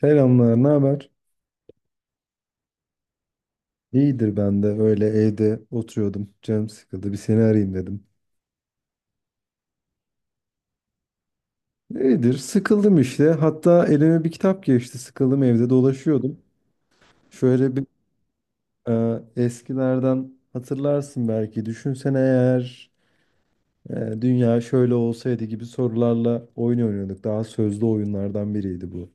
Selamlar, ne haber? İyidir, ben de öyle evde oturuyordum. Canım sıkıldı, bir seni arayayım dedim. İyidir, sıkıldım işte. Hatta elime bir kitap geçti, sıkıldım evde dolaşıyordum. Şöyle bir e, eskilerden hatırlarsın belki. Düşünsene eğer dünya şöyle olsaydı gibi sorularla oyun oynuyorduk. Daha sözlü oyunlardan biriydi bu.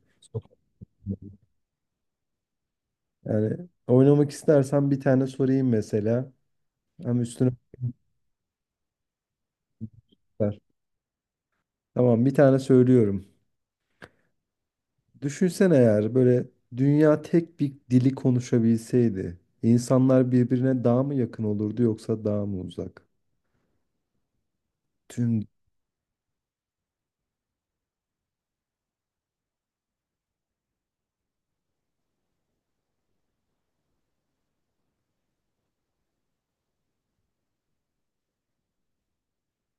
Yani oynamak istersen bir tane sorayım mesela. Hem üstüne ver. Tamam, bir tane söylüyorum. Düşünsene eğer böyle dünya tek bir dili konuşabilseydi, insanlar birbirine daha mı yakın olurdu yoksa daha mı uzak? Tüm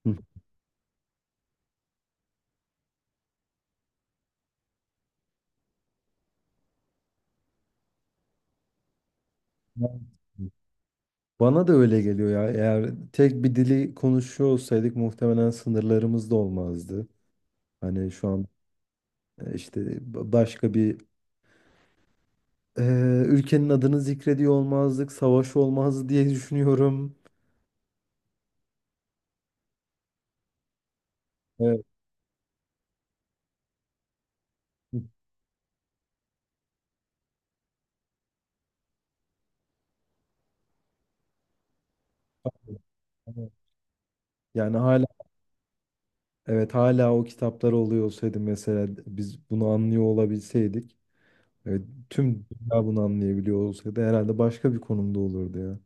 Hı. Bana da öyle geliyor ya. Eğer tek bir dili konuşuyor olsaydık muhtemelen sınırlarımız da olmazdı. Hani şu an işte başka bir e, ülkenin adını zikrediyor olmazdık, savaş olmazdı diye düşünüyorum. Evet. Evet. Yani hala evet, hala o kitaplar oluyor olsaydı, mesela biz bunu anlıyor olabilseydik. Evet, tüm dünya bunu anlayabiliyor olsaydı herhalde başka bir konumda olurdu ya.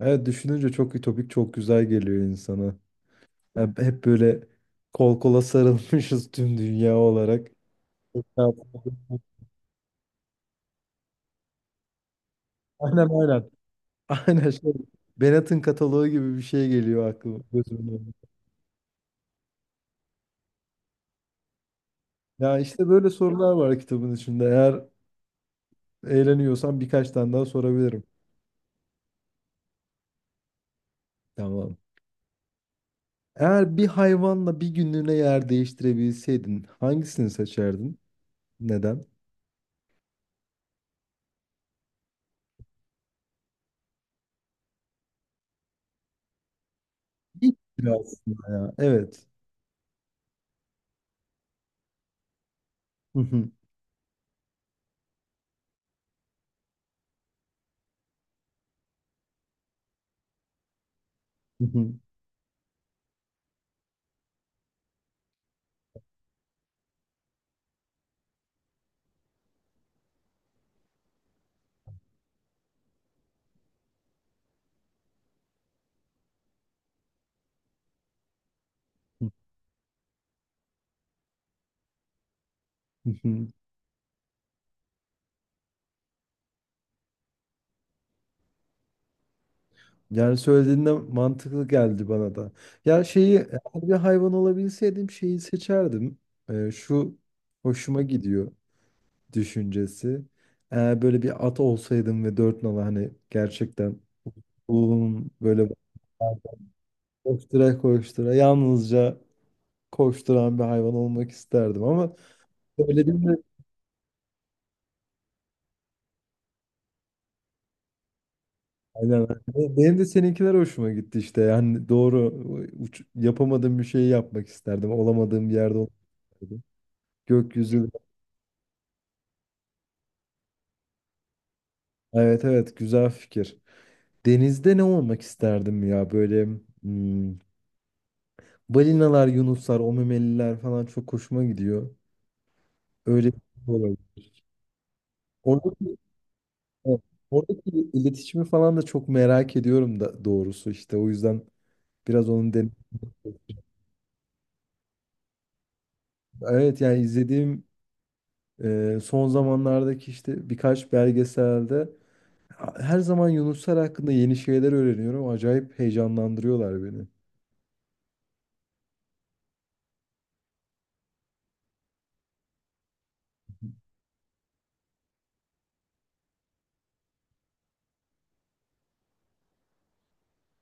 Evet, düşününce çok ütopik, çok güzel geliyor insana. Yani hep böyle kol kola sarılmışız tüm dünya olarak. Aynen aynen. Aynen şey. Bennett'in kataloğu gibi bir şey geliyor aklıma, gözümün önüne. Ya işte böyle sorular var kitabın içinde. Eğer eğleniyorsan birkaç tane daha sorabilirim. Tamam. Eğer bir hayvanla bir günlüğüne yer değiştirebilseydin hangisini seçerdin? Neden? Hiç bile aslında ya. Evet. Hı hı, hı hı, hı hı. Hı. Yani söylediğinde mantıklı geldi bana da. Ya şeyi, eğer bir hayvan olabilseydim şeyi seçerdim. Şu hoşuma gidiyor düşüncesi. Eğer böyle bir at olsaydım ve dört nala, hani gerçekten böyle koştura koştura, yalnızca koşturan bir hayvan olmak isterdim ama Öyle değil mi? Aynen. Benim de seninkiler hoşuma gitti işte. Yani doğru yapamadığım bir şeyi yapmak isterdim. Olamadığım bir yerde olmak isterdim. Gökyüzü. Evet evet, güzel fikir. Denizde ne olmak isterdim ya, böyle hmm, balinalar, yunuslar, o memeliler falan çok hoşuma gidiyor. Öyle bir şey olabilir. Oradaki, evet, oradaki iletişimi falan da çok merak ediyorum da doğrusu işte. O yüzden biraz onun den Evet yani izlediğim son zamanlardaki işte birkaç belgeselde her zaman yunuslar hakkında yeni şeyler öğreniyorum. Acayip heyecanlandırıyorlar beni.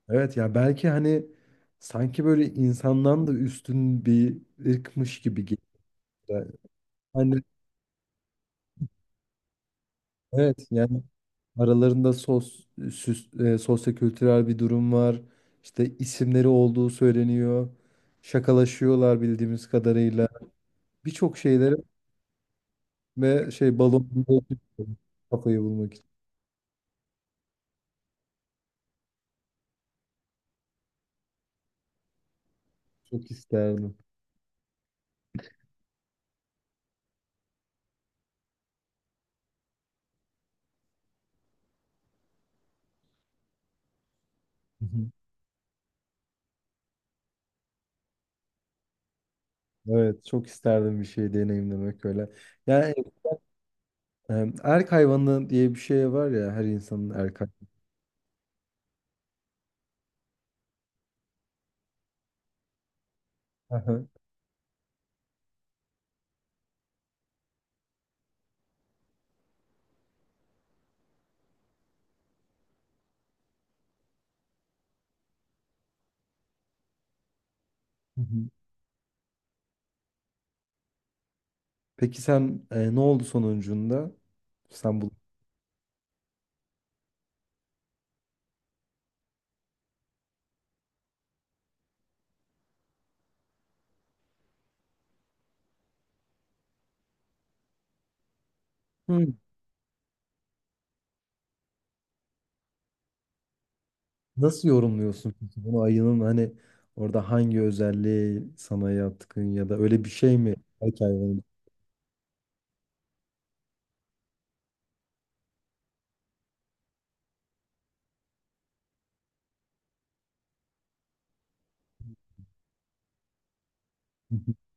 Evet ya, belki hani sanki böyle insandan da üstün bir ırkmış gibi geliyor. Hani evet yani aralarında sosyokültürel bir durum var. İşte isimleri olduğu söyleniyor. Şakalaşıyorlar bildiğimiz kadarıyla. Birçok şeyleri ve şey, balon kafayı bulmak Çok isterdim. Hı hı. Evet, çok isterdim bir şey deneyimlemek öyle. Yani e, erk hayvanı diye bir şey var ya, her insanın erk hayvanı. Aha. Hı hı. Peki sen ne oldu sonucunda? Sen bu Hı. Nasıl yorumluyorsun peki bunu, ayının hani orada hangi özelliği sana yatkın, ya da öyle bir şey mi erk hayvanı?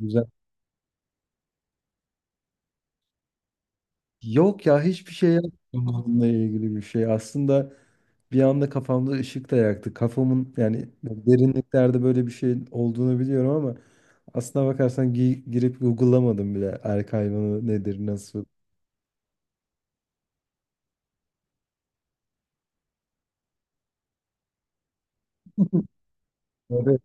Güzel. Yok ya, hiçbir şey yapmadım bununla ilgili bir şey. Aslında bir anda kafamda ışık da yaktı. Kafamın, yani derinliklerde böyle bir şeyin olduğunu biliyorum ama aslına bakarsan girip Google'lamadım bile erkek hayvanı nedir nasıl. Böyle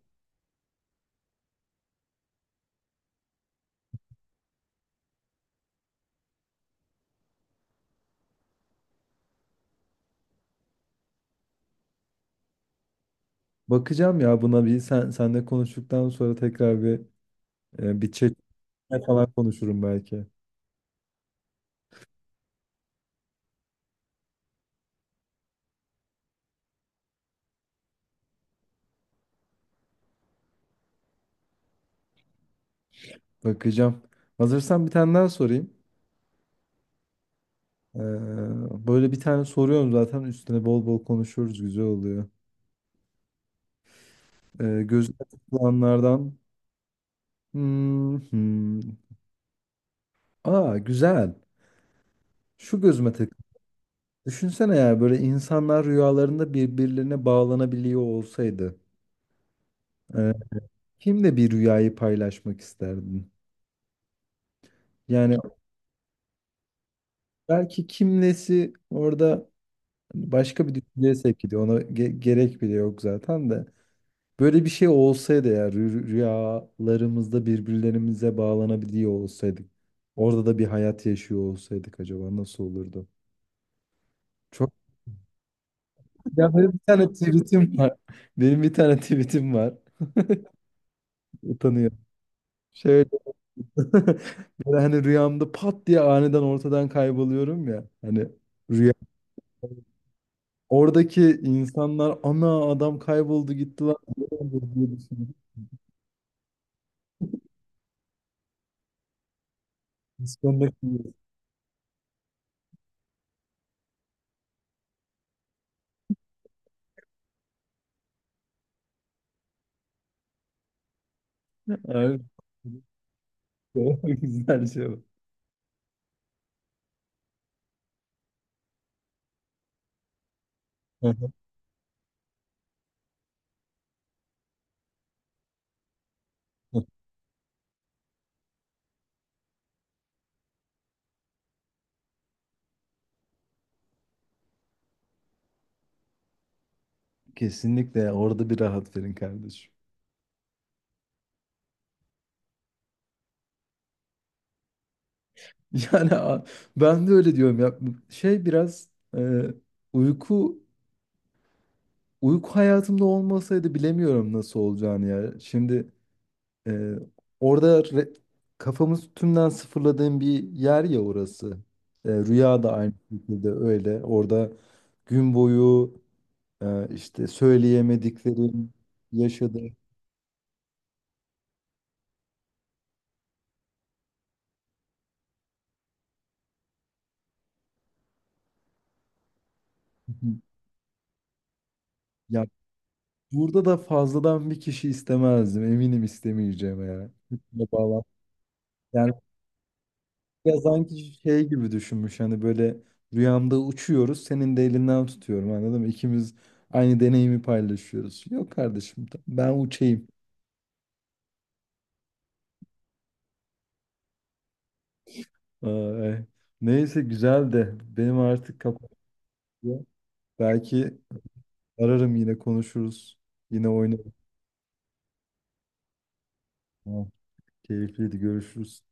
bakacağım ya buna, bir sen senle konuştuktan sonra tekrar bir bir chat falan konuşurum belki. Bakacağım. Hazırsan bir tane daha sorayım. Ee, böyle bir tane soruyorum zaten, üstüne bol bol konuşuruz, güzel oluyor. Gözüme takılanlardan. Hmm, hmm. Aa güzel. Şu gözüme tak. Düşünsene ya, böyle insanlar rüyalarında birbirlerine bağlanabiliyor olsaydı. Ee, kimle bir rüyayı paylaşmak isterdin? Yani belki kimlesi orada başka bir düşünceye sevk ediyor. Ona gerek bile yok zaten de. Böyle bir şey olsaydı ya, rüyalarımızda birbirlerimize bağlanabiliyor olsaydık. Orada da bir hayat yaşıyor olsaydık, acaba nasıl olurdu? Çok Ya benim bir tane tweetim var. Benim bir tane tweetim var. Utanıyorum. Şöyle böyle hani rüyamda pat diye aniden ortadan kayboluyorum ya. Hani rüya. Oradaki insanlar "ana adam kayboldu gitti lan. Ne oldu?" diye düşünüyorum. Disconnect diyor. Aynen. Güzel şey bu. Hı hı. Kesinlikle, orada bir rahat verin kardeşim. Yani ben de öyle diyorum ya. Şey biraz e, uyku Uyku hayatımda olmasaydı bilemiyorum nasıl olacağını ya. Şimdi e, orada kafamız tümden sıfırladığım bir yer ya orası. E, rüya da aynı şekilde öyle. Orada gün boyu işte söyleyemediklerim yaşadığım. Ya, burada da fazladan bir kişi istemezdim. Eminim istemeyeceğim ya. Hepsine bağlan. Ya sanki şey gibi düşünmüş, hani böyle rüyamda uçuyoruz, senin de elinden tutuyorum, anladın mı? İkimiz aynı deneyimi paylaşıyoruz. Yok kardeşim tamam, ben uçayım. Ay, neyse güzel de benim artık kapatıyor. Belki ararım, yine konuşuruz. Yine oynarız. Tamam, keyifliydi, görüşürüz.